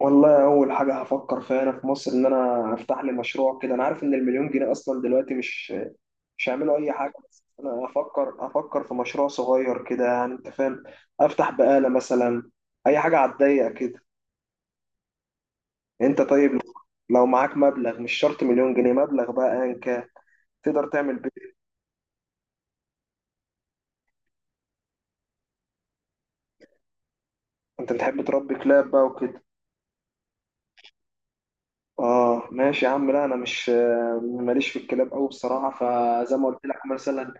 والله اول حاجه هفكر فيها هنا في مصر ان انا افتح لي مشروع كده. انا عارف ان المليون جنيه اصلا دلوقتي مش هيعملوا اي حاجه. بس انا افكر في مشروع صغير كده، يعني انت فاهم. افتح بقاله مثلا، اي حاجه على الضيق كده. انت طيب، لو معاك مبلغ مش شرط مليون جنيه، مبلغ بقى ايا كان تقدر تعمل بيه. انت بتحب تربي كلاب بقى وكده. اه ماشي يا عم. لا انا مش، ماليش في الكلاب قوي بصراحه. فزي ما قلت لك، مثلا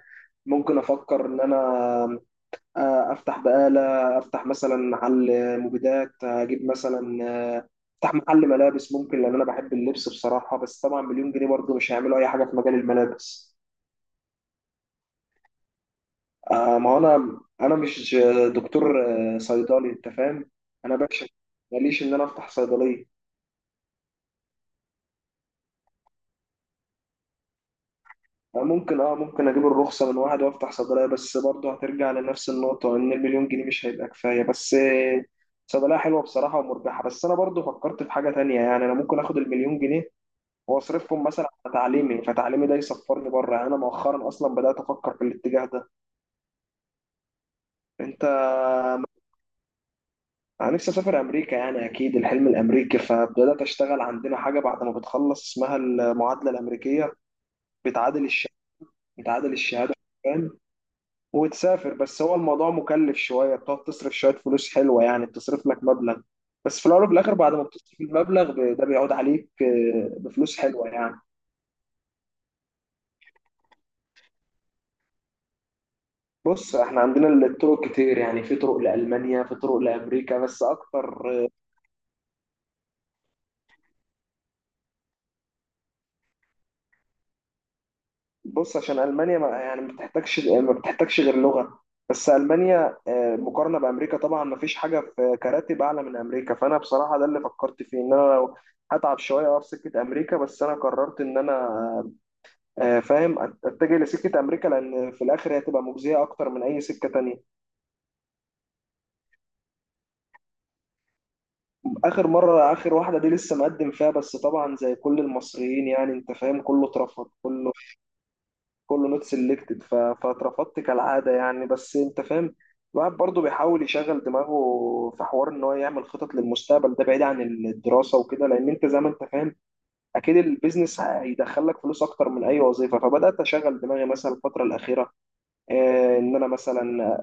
ممكن افكر ان انا افتح بقالة، افتح مثلا محل مبيدات، اجيب مثلا آه، افتح محل ملابس ممكن لان انا بحب اللبس بصراحة. بس طبعا مليون جنيه برضه مش هيعملوا اي حاجة في مجال الملابس. ما هو انا مش دكتور. صيدلي، انت فاهم. انا بكشف، ماليش ان انا افتح صيدلية. ممكن، ممكن اجيب الرخصة من واحد وافتح صيدلية. بس برضه هترجع لنفس النقطة ان المليون جنيه مش هيبقى كفاية. بس صيدلية حلوة بصراحة ومربحة. بس انا برضه فكرت في حاجة تانية، يعني انا ممكن اخد المليون جنيه واصرفهم مثلا على تعليمي. فتعليمي ده يسفرني بره، يعني انا مؤخرا اصلا بدات افكر في الاتجاه ده. انت، انا نفسي اسافر امريكا، يعني اكيد الحلم الامريكي. فبدات اشتغل عندنا حاجه بعد ما بتخلص اسمها المعادله الامريكيه، بتعادل الشهاده، بتعادل الشهاده. فاهم؟ وتسافر. بس هو الموضوع مكلف شويه، بتقعد تصرف شويه فلوس حلوه يعني، بتصرف لك مبلغ. بس في الاول وفي الاخر بعد ما بتصرف المبلغ ده بيعود عليك بفلوس حلوه يعني. بص احنا عندنا الطرق كتير، يعني في طرق لألمانيا، في طرق لأمريكا بس أكتر. بص عشان ألمانيا ما يعني ما بتحتاجش غير لغة بس. ألمانيا مقارنة بأمريكا طبعا ما فيش حاجة في كراتب أعلى من أمريكا، فأنا بصراحة ده اللي فكرت فيه، إن أنا لو هتعب شوية أقف سكة أمريكا. بس أنا قررت إن أنا فاهم، أتجه لسكة أمريكا، لأن في الآخر هي هتبقى مجزية أكتر من أي سكة تانية. آخر مرة، آخر واحدة دي لسه مقدم فيها. بس طبعا زي كل المصريين، يعني أنت فاهم، كله اترفض، كله نوت سيلكتد، فاترفضت كالعاده يعني. بس انت فاهم، الواحد برضه بيحاول يشغل دماغه في حوار ان هو يعمل خطط للمستقبل، ده بعيد عن الدراسه وكده. لان انت زي ما انت فاهم، اكيد البيزنس هيدخلك فلوس اكتر من اي وظيفه. فبدات اشغل دماغي مثلا الفتره الاخيره ان انا مثلا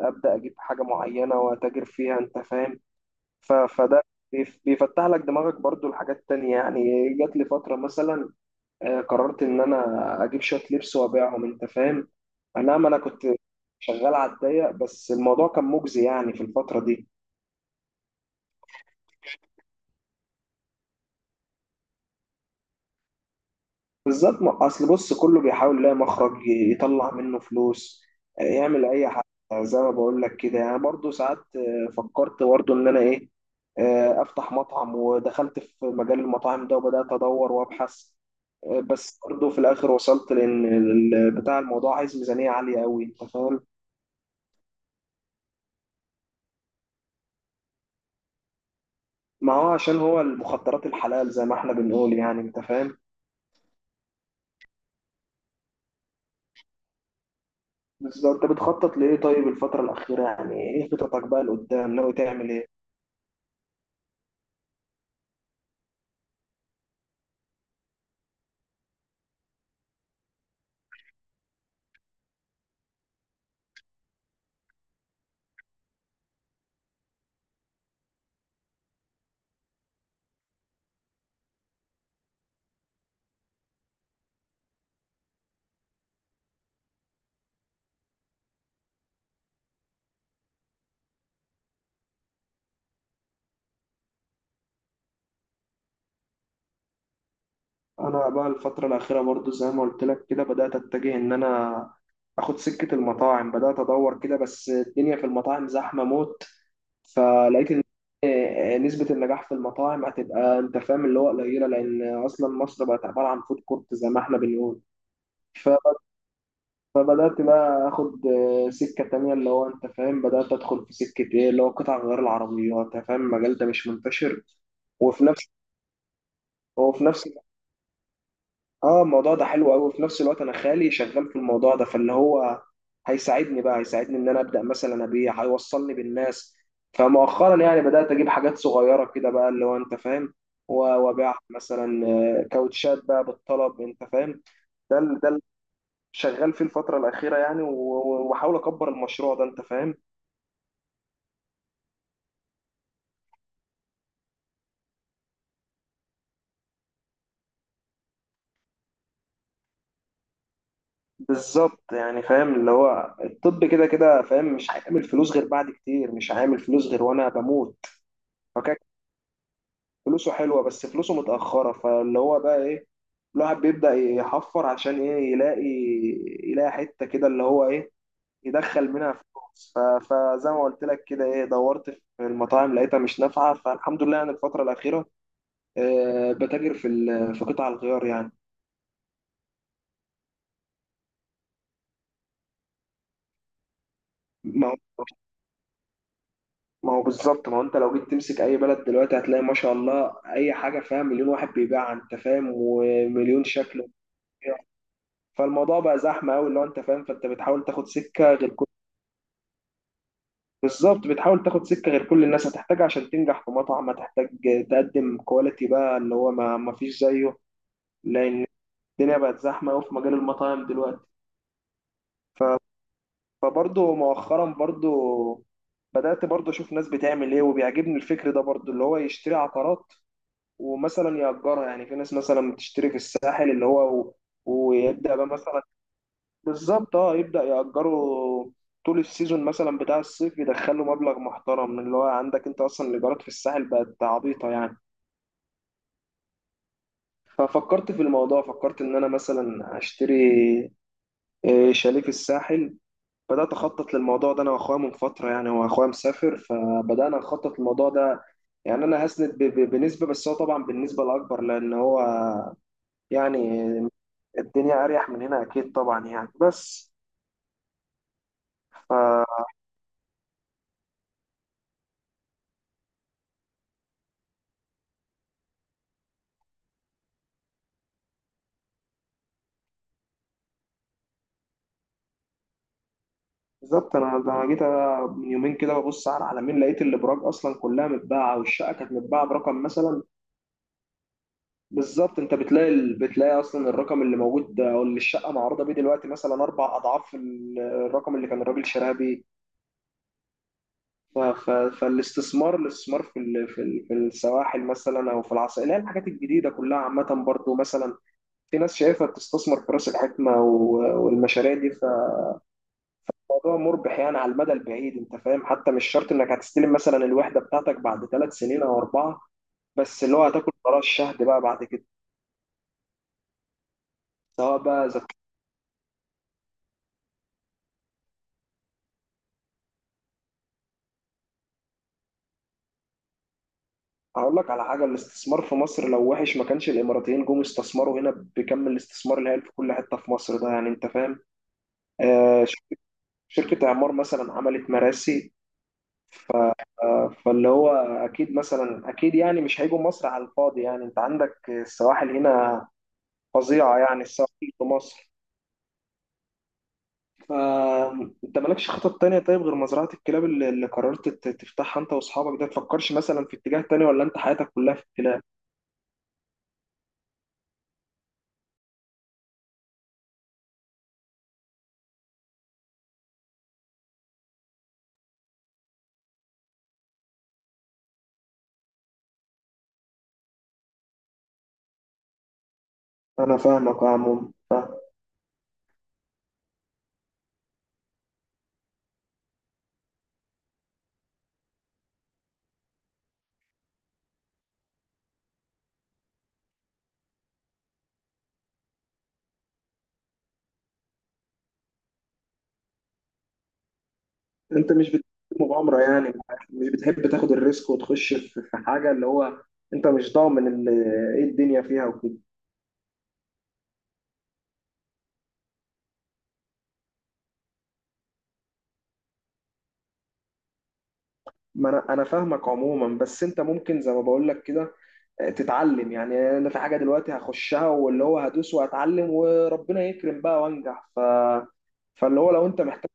ابدا اجيب حاجه معينه واتاجر فيها، انت فاهم. فده بيفتح لك دماغك برضو لحاجات تانية يعني. جات لي فترة مثلا قررت ان انا اجيب شويه لبس وابيعهم، انت فاهم. انا، ما انا كنت شغال على الضيق، بس الموضوع كان مجزي يعني في الفتره دي بالذات. اصل بص كله بيحاول يلاقي مخرج يطلع منه فلوس، يعمل اي حاجه زي ما بقول لك كده يعني. برضه ساعات فكرت برضه ان انا ايه، افتح مطعم. ودخلت في مجال المطاعم ده وبدات ادور وابحث. بس برضه في الاخر وصلت لان بتاع الموضوع عايز ميزانيه عاليه قوي، انت فاهم. ما هو عشان هو المخدرات الحلال زي ما احنا بنقول يعني، انت فاهم. بس انت بتخطط لايه طيب الفترة الأخيرة؟ يعني ايه خططك بقى لقدام، ناوي تعمل ايه؟ انا بقى الفترة الأخيرة برضو زي ما قلت لك كده بدأت اتجه ان انا اخد سكة المطاعم، بدأت ادور كده. بس الدنيا في المطاعم زحمة موت. فلقيت ان نسبة النجاح في المطاعم هتبقى انت فاهم اللي هو قليلة، لان اصلا مصر بقت عبارة عن فود كورت زي ما احنا بنقول. فبدأت بقى اخد سكة تانية اللي هو انت فاهم، بدأت ادخل في سكة ايه اللي هو قطع غيار العربيات، انت فاهم. المجال ده مش منتشر. وفي نفس وفي نفس اه الموضوع ده حلو قوي. وفي نفس الوقت انا خالي شغال في الموضوع ده، فاللي هو هيساعدني ان انا ابدأ مثلا ابيع، هيوصلني بالناس. فمؤخرا يعني بدأت اجيب حاجات صغيرة كده بقى، اللي هو انت فاهم، و- وابيع مثلا كاوتشات بقى بالطلب، انت فاهم. ده ال- ده ال- شغال فيه الفترة الأخيرة يعني. وبحاول أكبر المشروع ده أنت فاهم. بالظبط، يعني فاهم اللي هو الطب كده كده فاهم مش هيعمل فلوس غير بعد كتير، مش هيعمل فلوس غير وانا بموت. فكان فلوسه حلوه بس فلوسه متاخره. فاللي هو بقى ايه، الواحد بيبدا يحفر عشان ايه، يلاقي، يلاقي حته كده اللي هو ايه، يدخل منها فلوس. فزي ما قلت لك كده ايه، دورت في المطاعم لقيتها مش نافعه. فالحمد لله يعني الفتره الاخيره بتاجر في في قطع الغيار. يعني ما هو بالظبط، ما هو انت لو جيت تمسك اي بلد دلوقتي هتلاقي ما شاء الله اي حاجه فيها مليون واحد بيبيعها، انت فاهم، ومليون شكل وبتاع. فالموضوع بقى زحمه قوي اللي هو انت فاهم. فانت بتحاول تاخد سكه غير كل... بالظبط، بتحاول تاخد سكه غير كل الناس. هتحتاجها عشان تنجح في مطعم، هتحتاج تقدم كواليتي بقى اللي هو ما فيش زيه، لان الدنيا بقت زحمه قوي في مجال المطاعم دلوقتي. فبرضه مؤخرا برضه بدأت برضه أشوف ناس بتعمل إيه. وبيعجبني الفكر ده برضه اللي هو يشتري عقارات، ومثلا يأجرها. يعني في ناس مثلا بتشتري في الساحل اللي هو، ويبدأ بقى مثلا بالظبط، اه، يبدأ يأجره طول السيزون مثلا بتاع الصيف، يدخله مبلغ محترم. من اللي هو عندك، انت اصلا الايجارات في الساحل بقت عبيطة يعني. ففكرت في الموضوع، فكرت ان انا مثلا اشتري شاليه في الساحل. بدأت أخطط للموضوع ده أنا وأخويا من فترة. يعني هو أخويا مسافر فبدأنا نخطط للموضوع ده. يعني أنا هسند بنسبة، بس هو طبعا بالنسبة الأكبر، لأن هو يعني الدنيا اريح من هنا اكيد طبعا يعني. بس ف بالظبط، انا جيت من يومين كده ببص على العلمين، لقيت الابراج اصلا كلها متباعه، والشقه كانت متباعه برقم مثلا. بالظبط، انت بتلاقي بتلاقي اصلا الرقم اللي موجود ده او اللي الشقه معروضه بيه دلوقتي مثلا 4 أضعاف الرقم اللي كان الراجل شراها بيه. ف- ف- فالاستثمار، الاستثمار في ال- في ال- في السواحل مثلا، او في العصائر اللي هي الحاجات الجديده كلها عامه برضو. مثلا في ناس شايفها بتستثمر في راس الحكمه والمشاريع دي. الموضوع مربح يعني على المدى البعيد، انت فاهم. حتى مش شرط انك هتستلم مثلا الوحده بتاعتك بعد 3 سنين او 4. بس اللي هو هتاكل براء الشهد بقى بعد كده، سواء بقى زك... هقول لك على حاجه، الاستثمار في مصر لو وحش ما كانش الاماراتيين جم استثمروا هنا بكم الاستثمار الهائل في كل حته في مصر ده، يعني انت فاهم. آه شركه اعمار مثلا عملت مراسي. ف... فاللي هو اكيد يعني مش هيجوا مصر على الفاضي. يعني انت عندك السواحل هنا فظيعه، يعني السواحل في مصر. فانت مالكش خطط تانية طيب غير مزرعة الكلاب اللي قررت تفتحها انت واصحابك ده؟ تفكرش مثلا في اتجاه تاني، ولا انت حياتك كلها في الكلاب؟ انا فاهمك يا عموما، انت مش بتحب مغامرة يعني، مش بتحب تاخد الريسك وتخش في حاجة اللي هو انت مش ضامن ايه الدنيا فيها وكده. ما انا فاهمك عموما. بس انت ممكن زي ما بقول لك كده تتعلم يعني. انا في حاجه دلوقتي هخشها، واللي هو هدوس واتعلم وربنا يكرم بقى وانجح. فاللي هو لو انت محتاج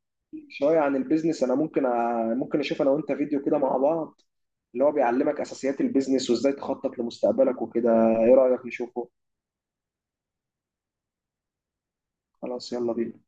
شويه عن البيزنس انا ممكن ممكن اشوف انا وانت فيديو كده مع بعض اللي هو بيعلمك اساسيات البيزنس وازاي تخطط لمستقبلك وكده. ايه رايك نشوفه؟ خلاص يلا بينا.